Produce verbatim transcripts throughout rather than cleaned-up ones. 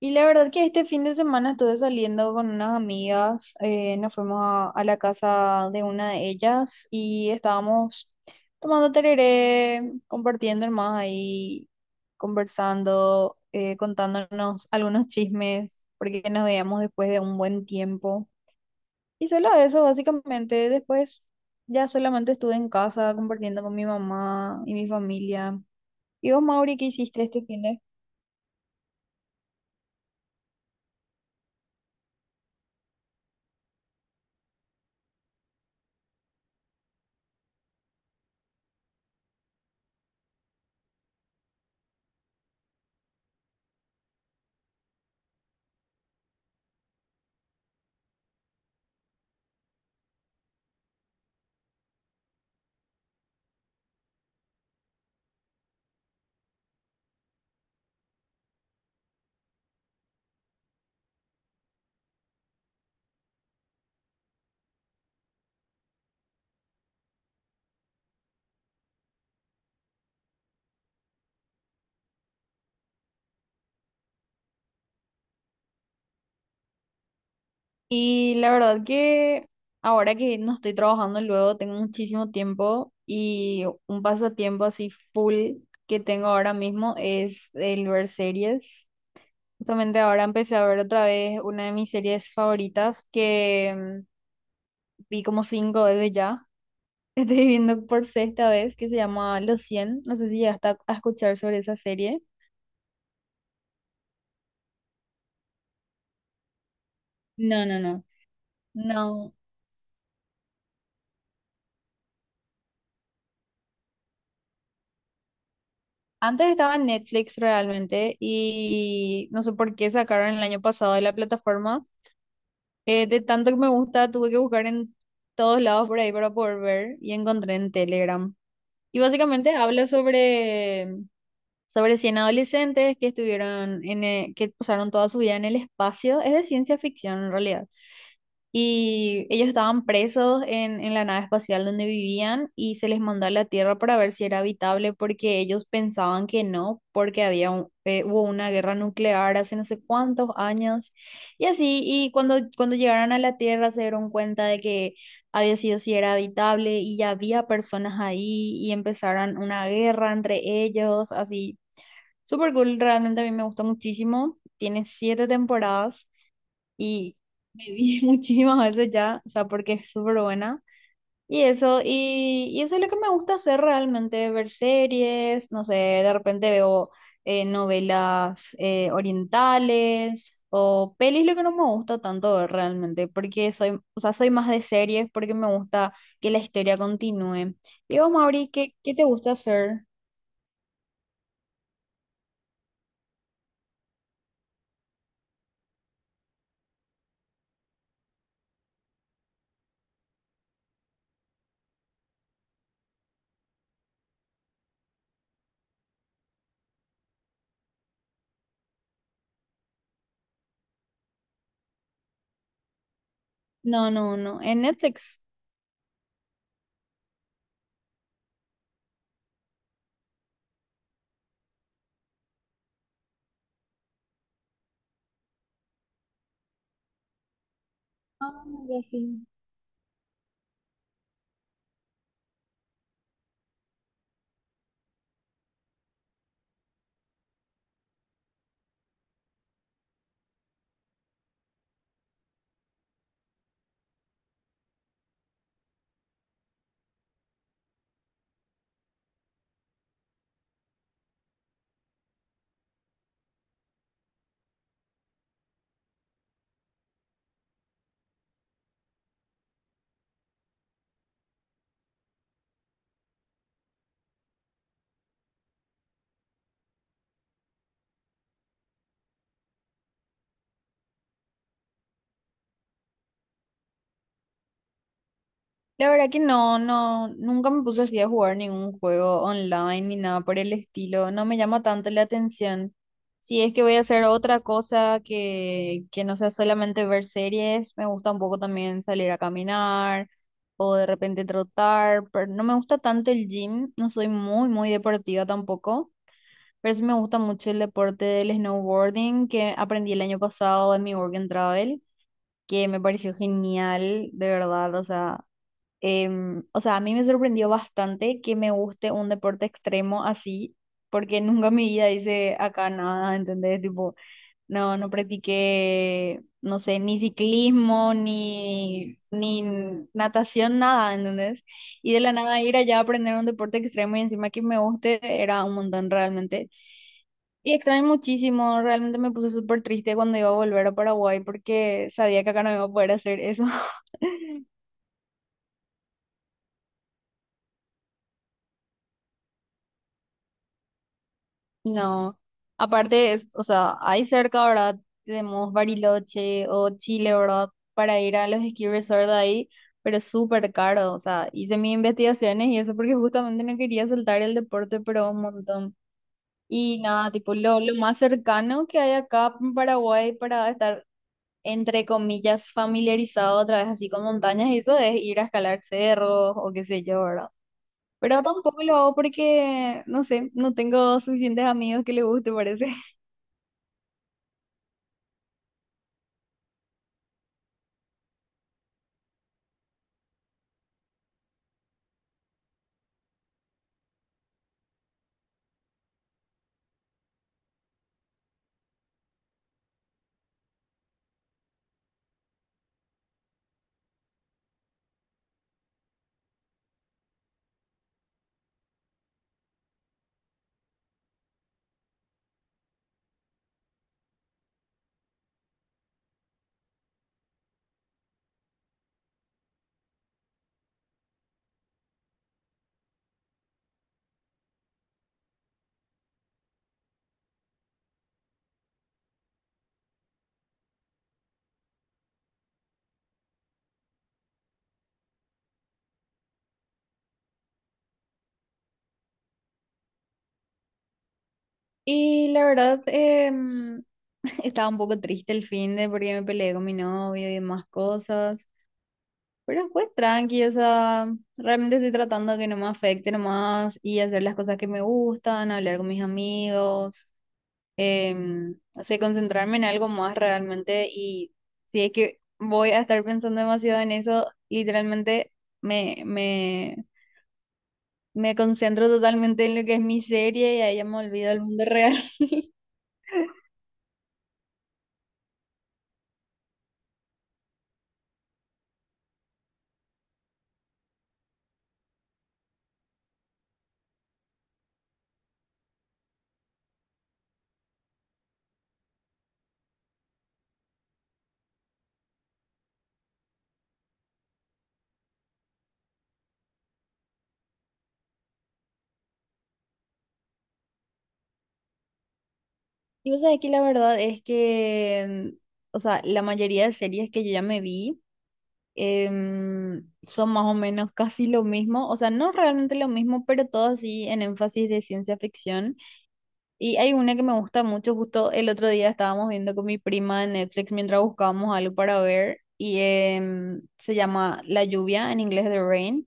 Y la verdad que este fin de semana estuve saliendo con unas amigas, eh, nos fuimos a, a la casa de una de ellas y estábamos tomando tereré, compartiendo más ahí, conversando, eh, contándonos algunos chismes, porque nos veíamos después de un buen tiempo. Y solo eso, básicamente, después ya solamente estuve en casa compartiendo con mi mamá y mi familia. ¿Y vos, Mauri, qué hiciste este fin de? Y la verdad que ahora que no estoy trabajando luego, tengo muchísimo tiempo y un pasatiempo así full que tengo ahora mismo es el ver series. Justamente ahora empecé a ver otra vez una de mis series favoritas que mm, vi como cinco veces ya. Estoy viendo por sexta vez que se llama Los cien. No sé si ya está a escuchar sobre esa serie. No, no, no. No, Antes estaba en Netflix realmente y no sé por qué sacaron el año pasado de la plataforma. Eh, de tanto que me gusta, tuve que buscar en todos lados por ahí para poder ver y encontré en Telegram. Y básicamente habla sobre, sobre cien adolescentes que estuvieron en, eh, que pasaron toda su vida en el espacio. Es de ciencia ficción en realidad. Y ellos estaban presos en, en la nave espacial donde vivían y se les mandó a la Tierra para ver si era habitable porque ellos pensaban que no, porque había un- eh, hubo una guerra nuclear hace no sé cuántos años y así. Y cuando, cuando llegaron a la Tierra se dieron cuenta de que había sido si era habitable y ya había personas ahí y empezaron una guerra entre ellos, así. super cool, realmente a mí me gustó muchísimo. Tiene siete temporadas. Y me vi muchísimas veces ya, o sea, porque es súper buena. Y eso, y, y eso es lo que me gusta hacer realmente, ver series, no sé, de repente veo eh, novelas eh, orientales o pelis, lo que no me gusta tanto ver realmente, porque soy, o sea, soy más de series porque me gusta que la historia continúe. Digo, Mauri, ¿qué, qué te gusta hacer? No, no, no, en Netflix. Ah, ya sí. La verdad que no, no, nunca me puse así a jugar ningún juego online ni nada por el estilo. No me llama tanto la atención. Si es que voy a hacer otra cosa que, que no sea solamente ver series, me gusta un poco también salir a caminar o de repente trotar, pero no me gusta tanto el gym, no soy muy, muy deportiva tampoco, pero sí me gusta mucho el deporte del snowboarding que aprendí el año pasado en mi Work and Travel, que me pareció genial, de verdad, o sea. Em, o sea, a mí me sorprendió bastante que me guste un deporte extremo así, porque nunca en mi vida hice acá nada, ¿entendés? Tipo, no, no practiqué, no sé, ni ciclismo, ni, ni natación, nada, ¿entendés? Y de la nada ir allá a aprender un deporte extremo y encima que me guste era un montón realmente. Y extraño muchísimo, realmente me puse súper triste cuando iba a volver a Paraguay porque sabía que acá no iba a poder hacer eso. No, aparte, es, o sea, hay cerca, ¿verdad? Tenemos Bariloche o Chile, ¿verdad? Para ir a los ski resorts de ahí, pero es súper caro, o sea, hice mis investigaciones y eso porque justamente no quería saltar el deporte, pero un montón. Y nada, tipo, lo, lo más cercano que hay acá en Paraguay para estar, entre comillas, familiarizado otra vez así con montañas y eso es ir a escalar cerros o qué sé yo, ¿verdad? Pero tampoco lo hago porque, no sé, no tengo suficientes amigos que les guste, parece. Y la verdad, em, estaba un poco triste el fin de porque me peleé con mi novio y demás cosas. Pero después tranqui, o sea, realmente estoy tratando de que no me afecte nomás y hacer las cosas que me gustan, hablar con mis amigos, em, no sé, concentrarme en algo más realmente. Y si es que voy a estar pensando demasiado en eso, literalmente me, me, me concentro totalmente en lo que es mi serie y ahí ya me olvido del mundo real. Y vos sabés que la verdad es que, o sea, la mayoría de series que yo ya me vi em, son más o menos casi lo mismo, o sea, no realmente lo mismo, pero todo así en énfasis de ciencia ficción. Y hay una que me gusta mucho, justo el otro día estábamos viendo con mi prima en Netflix mientras buscábamos algo para ver, y em, se llama La lluvia, en inglés The Rain.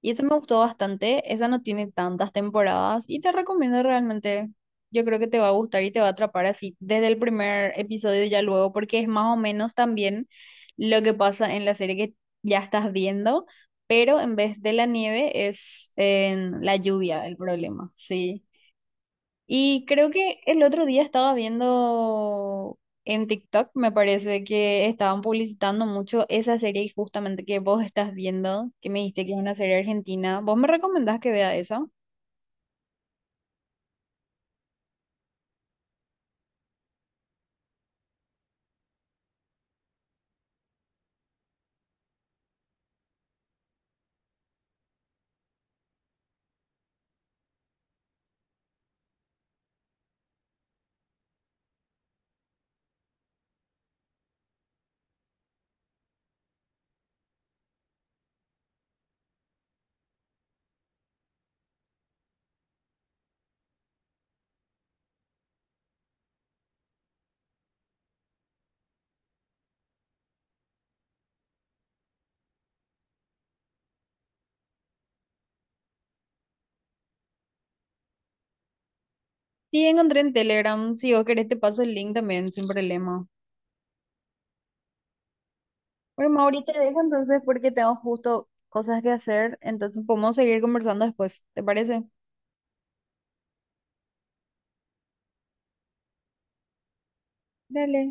Y esa me gustó bastante, esa no tiene tantas temporadas y te recomiendo realmente, yo creo que te va a gustar y te va a atrapar así desde el primer episodio ya luego, porque es más o menos también lo que pasa en la serie que ya estás viendo, pero en vez de la nieve es en la lluvia el problema, sí. Y creo que el otro día estaba viendo en TikTok, me parece que estaban publicitando mucho esa serie justamente que vos estás viendo, que me dijiste que es una serie argentina. ¿Vos me recomendás que vea esa? Sí, encontré en Telegram. Si vos querés te paso el link también, sin problema. Bueno, Mauri, te dejo entonces porque tengo justo cosas que hacer, entonces podemos seguir conversando después, ¿te parece? Dale.